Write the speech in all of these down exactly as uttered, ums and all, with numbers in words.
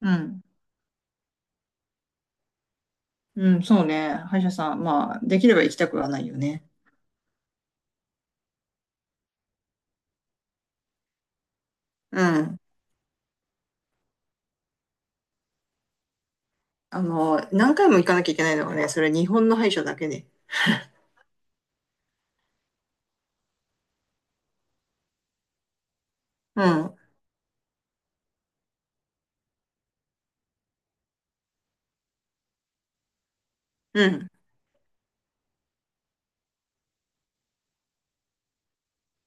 うん。うん、そうね。歯医者さん。まあ、できれば行きたくはないよね。うん。あの、何回も行かなきゃいけないのがね、それ日本の歯医者だけで。うん、うん、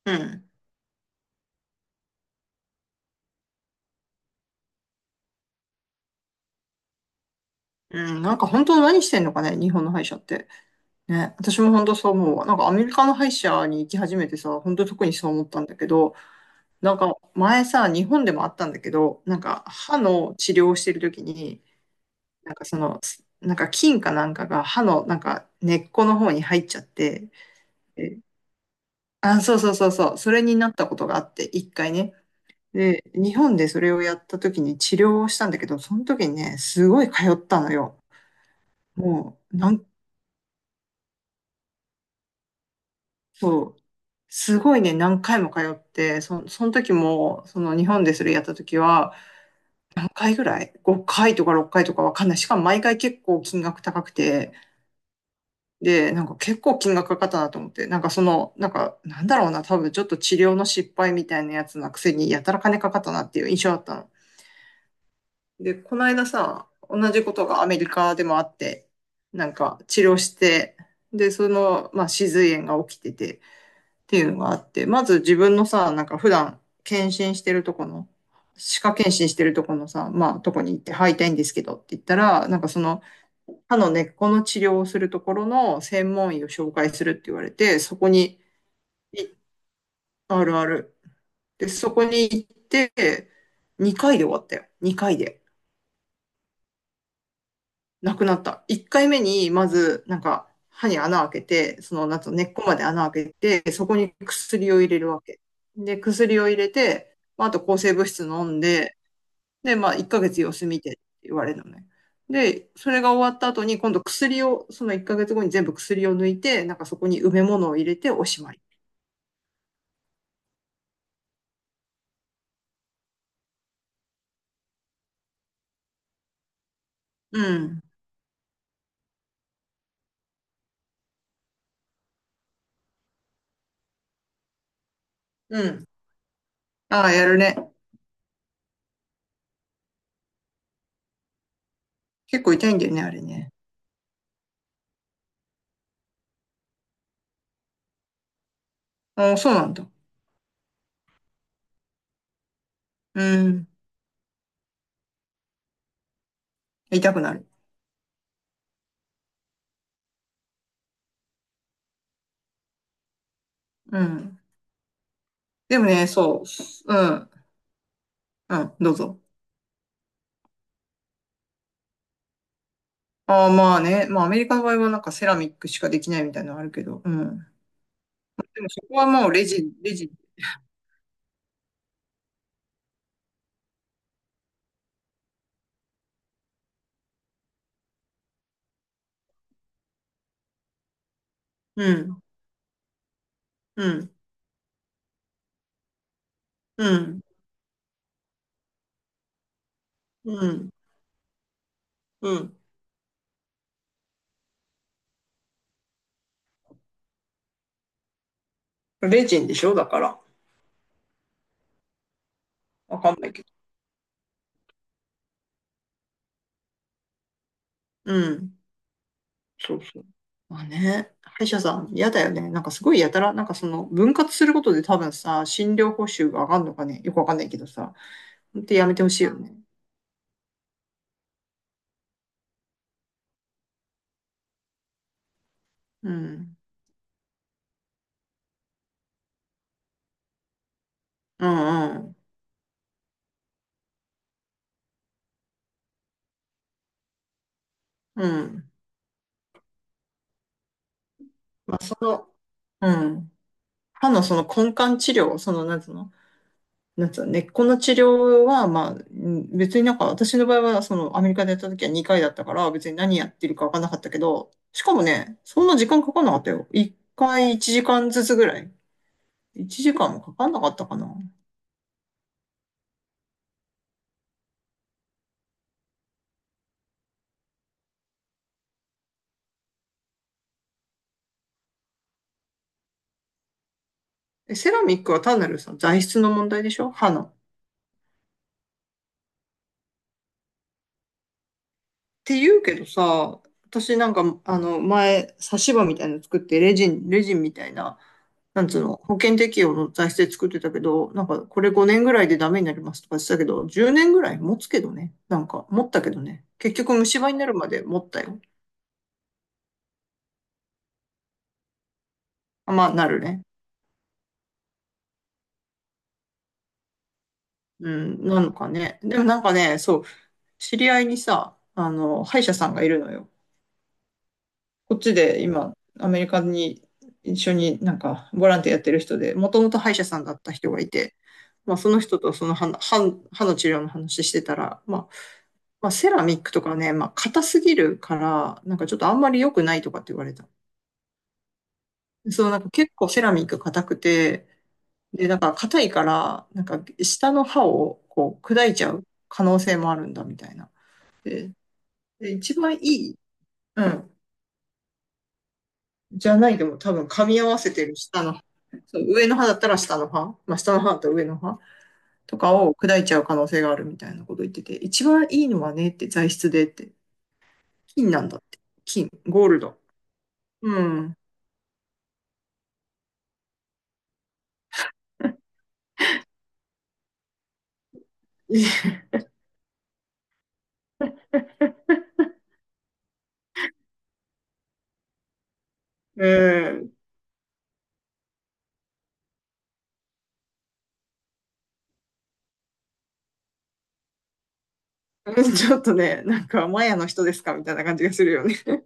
うん、うん。なんか本当何してんのかね、日本の歯医者って。ね、私も本当そう思うわ。なんかアメリカの歯医者に行き始めてさ、本当特にそう思ったんだけど、なんか前さ、日本でもあったんだけど、なんか歯の治療をしてる時に、なんかその、なんか菌かなんかが歯のなんか根っこの方に入っちゃって、あ、そうそうそうそう。それになったことがあって、一回ね。で、日本でそれをやった時に治療をしたんだけど、その時にね、すごい通ったのよ。もう、なん、そう、すごいね、何回も通って、そ、その時も、その日本でそれやった時は、何回ぐらい？ ご 回とかろっかいとかわかんない。しかも毎回結構金額高くて、で、なんか結構金額かかったなと思って、なんかその、なんか、なんだろうな、多分ちょっと治療の失敗みたいなやつなくせに、やたら金かかったなっていう印象だったの。で、この間さ、同じことがアメリカでもあって、なんか治療して、で、その、まあ、歯髄炎が起きててっていうのがあって、まず自分のさ、なんか普段検診してるとこの、歯科検診してるとこのさ、まあ、とこに行って入りたいんですけどって言ったら、なんかその、歯の根っこの治療をするところの専門医を紹介するって言われて、そこに、いあるある。で、そこに行って、にかいで終わったよ。にかいで。なくなった。いっかいめに、まず、なんか、歯に穴開けて、その、なんと根っこまで穴開けて、そこに薬を入れるわけ。で、薬を入れて、まあ、あと抗生物質飲んで、で、まあ、いっかげつ様子見てって言われるのね。で、それが終わった後に、今度薬を、そのいっかげつごに全部薬を抜いて、なんかそこに埋め物を入れておしまい。うん。うん。ああ、やるね。結構痛いんだよね、あれね。ああ、そうなんだ。うん。痛くなる。うん。でもね、そう。うん。うんどうぞ。ああ、まあね。まあ、アメリカの場合はなんかセラミックしかできないみたいなのあるけど。うん。でもそこはもうレジン、レジン。うん、うん、うん、うん、うん。レジンでしょだから。わかんないけど。うん。そうそう。まあね。歯医者さん、嫌だよね。なんかすごいやたら、なんかその分割することで多分さ、診療報酬が上がるのかね。よくわかんないけどさ。ほんやめてほしいよね。うん。うん、うん、うん。まあ、その、うん。歯のその根幹治療、その、なんつうの、なんつうの、根っこの治療は、まあ、ん別になんか私の場合は、その、アメリカでやった時はにかいだったから、別に何やってるかわかんなかったけど、しかもね、そんな時間かかんなかったよ。いっかいいちじかんずつぐらい。いちじかんもかかんなかったかな。えセラミックは単なるさ、材質の問題でしょ歯の。って言うけどさ、私なんか、あの、前、差し歯みたいなの作って、レジン、レジンみたいな、なんつうの、保険適用の財政作ってたけど、なんかこれごねんぐらいでダメになりますとか言ってたけど、じゅうねんぐらい持つけどね。なんか持ったけどね。結局虫歯になるまで持ったよ。あ、まあなるね。うん、なのかね。でもなんかね、そう、知り合いにさ、あの、歯医者さんがいるのよ。こっちで今、アメリカに一緒になんかボランティアやってる人で、もともと歯医者さんだった人がいて、まあその人とその歯の、歯歯の治療の話してたら、まあまあ、セラミックとかね、まあ、硬すぎるから、なんかちょっとあんまり良くないとかって言われた。そう、なんか結構セラミック硬くて、で、なんか硬いから、なんか下の歯をこう砕いちゃう可能性もあるんだみたいな。で、で一番いい、うん、じゃないでも多分噛み合わせてる下の歯。そう、上の歯だったら下の歯、まあ、下の歯と上の歯とかを砕いちゃう可能性があるみたいなこと言ってて、一番いいのはねって材質でって、金なんだって。金、ゴールド。うん。うん。ちょっとね、なんかマヤの人ですかみたいな感じがするよね。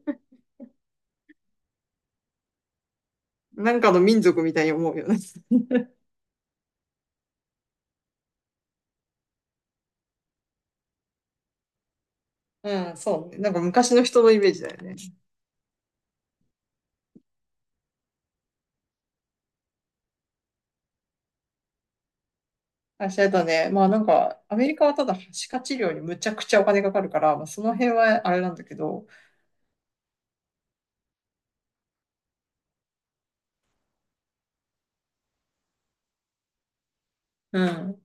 なんかの民族みたいに思うよね。うん、そうね。なんか昔の人のイメージだよね。あ、しあとね、まあなんか、アメリカはただ、歯科治療にむちゃくちゃお金かかるから、まあその辺はあれなんだけど、うん、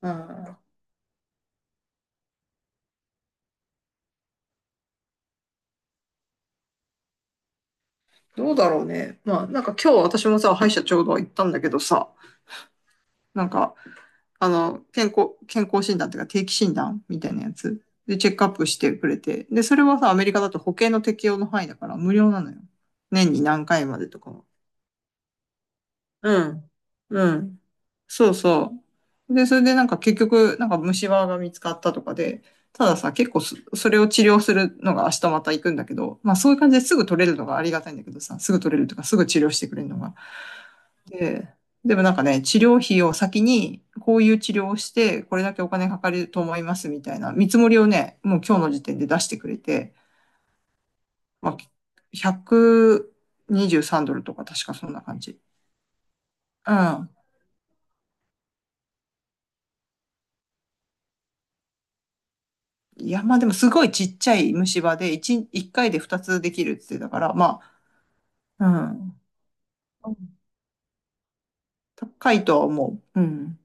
うん。どうだろうね。まあなんか今日私もさ、歯医者ちょうど行ったんだけどさ、なんか、あの、健康、健康診断というか定期診断みたいなやつでチェックアップしてくれて。で、それはさ、アメリカだと保険の適用の範囲だから無料なのよ。年に何回までとかは。うん。うん。そうそう。で、それでなんか結局、なんか虫歯が見つかったとかで、たださ、結構そ、それを治療するのが明日また行くんだけど、まあそういう感じですぐ取れるのがありがたいんだけどさ、すぐ取れるとかすぐ治療してくれるのが。で、でもなんかね、治療費を先に、こういう治療をして、これだけお金かかると思いますみたいな見積もりをね、もう今日の時点で出してくれて、まあ、ひゃくにじゅうさんドルとか確かそんな感じ。うん。いや、まあでもすごいちっちゃい虫歯でいち、いっかいでふたつできるって言ってたから、まあ、うん。高いとは思う。うん。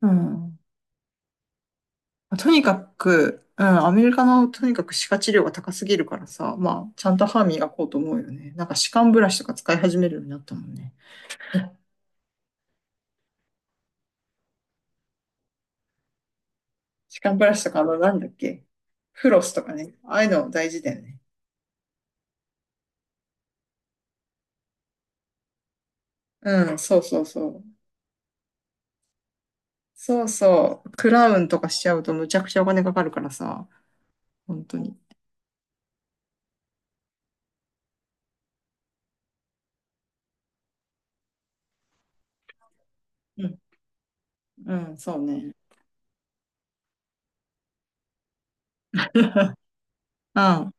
うん。とにかく、うん、アメリカのとにかく歯科治療が高すぎるからさ、まあ、ちゃんと歯磨こうと思うよね。なんか歯間ブラシとか使い始めるようになったもんね。歯間ブラシとか、あの、なんだっけ。フロスとかね。ああいうの大事だよね。うん、そうそうそう。そうそう。クラウンとかしちゃうとむちゃくちゃお金かかるからさ、本当に。うん、うん、そうね。うん。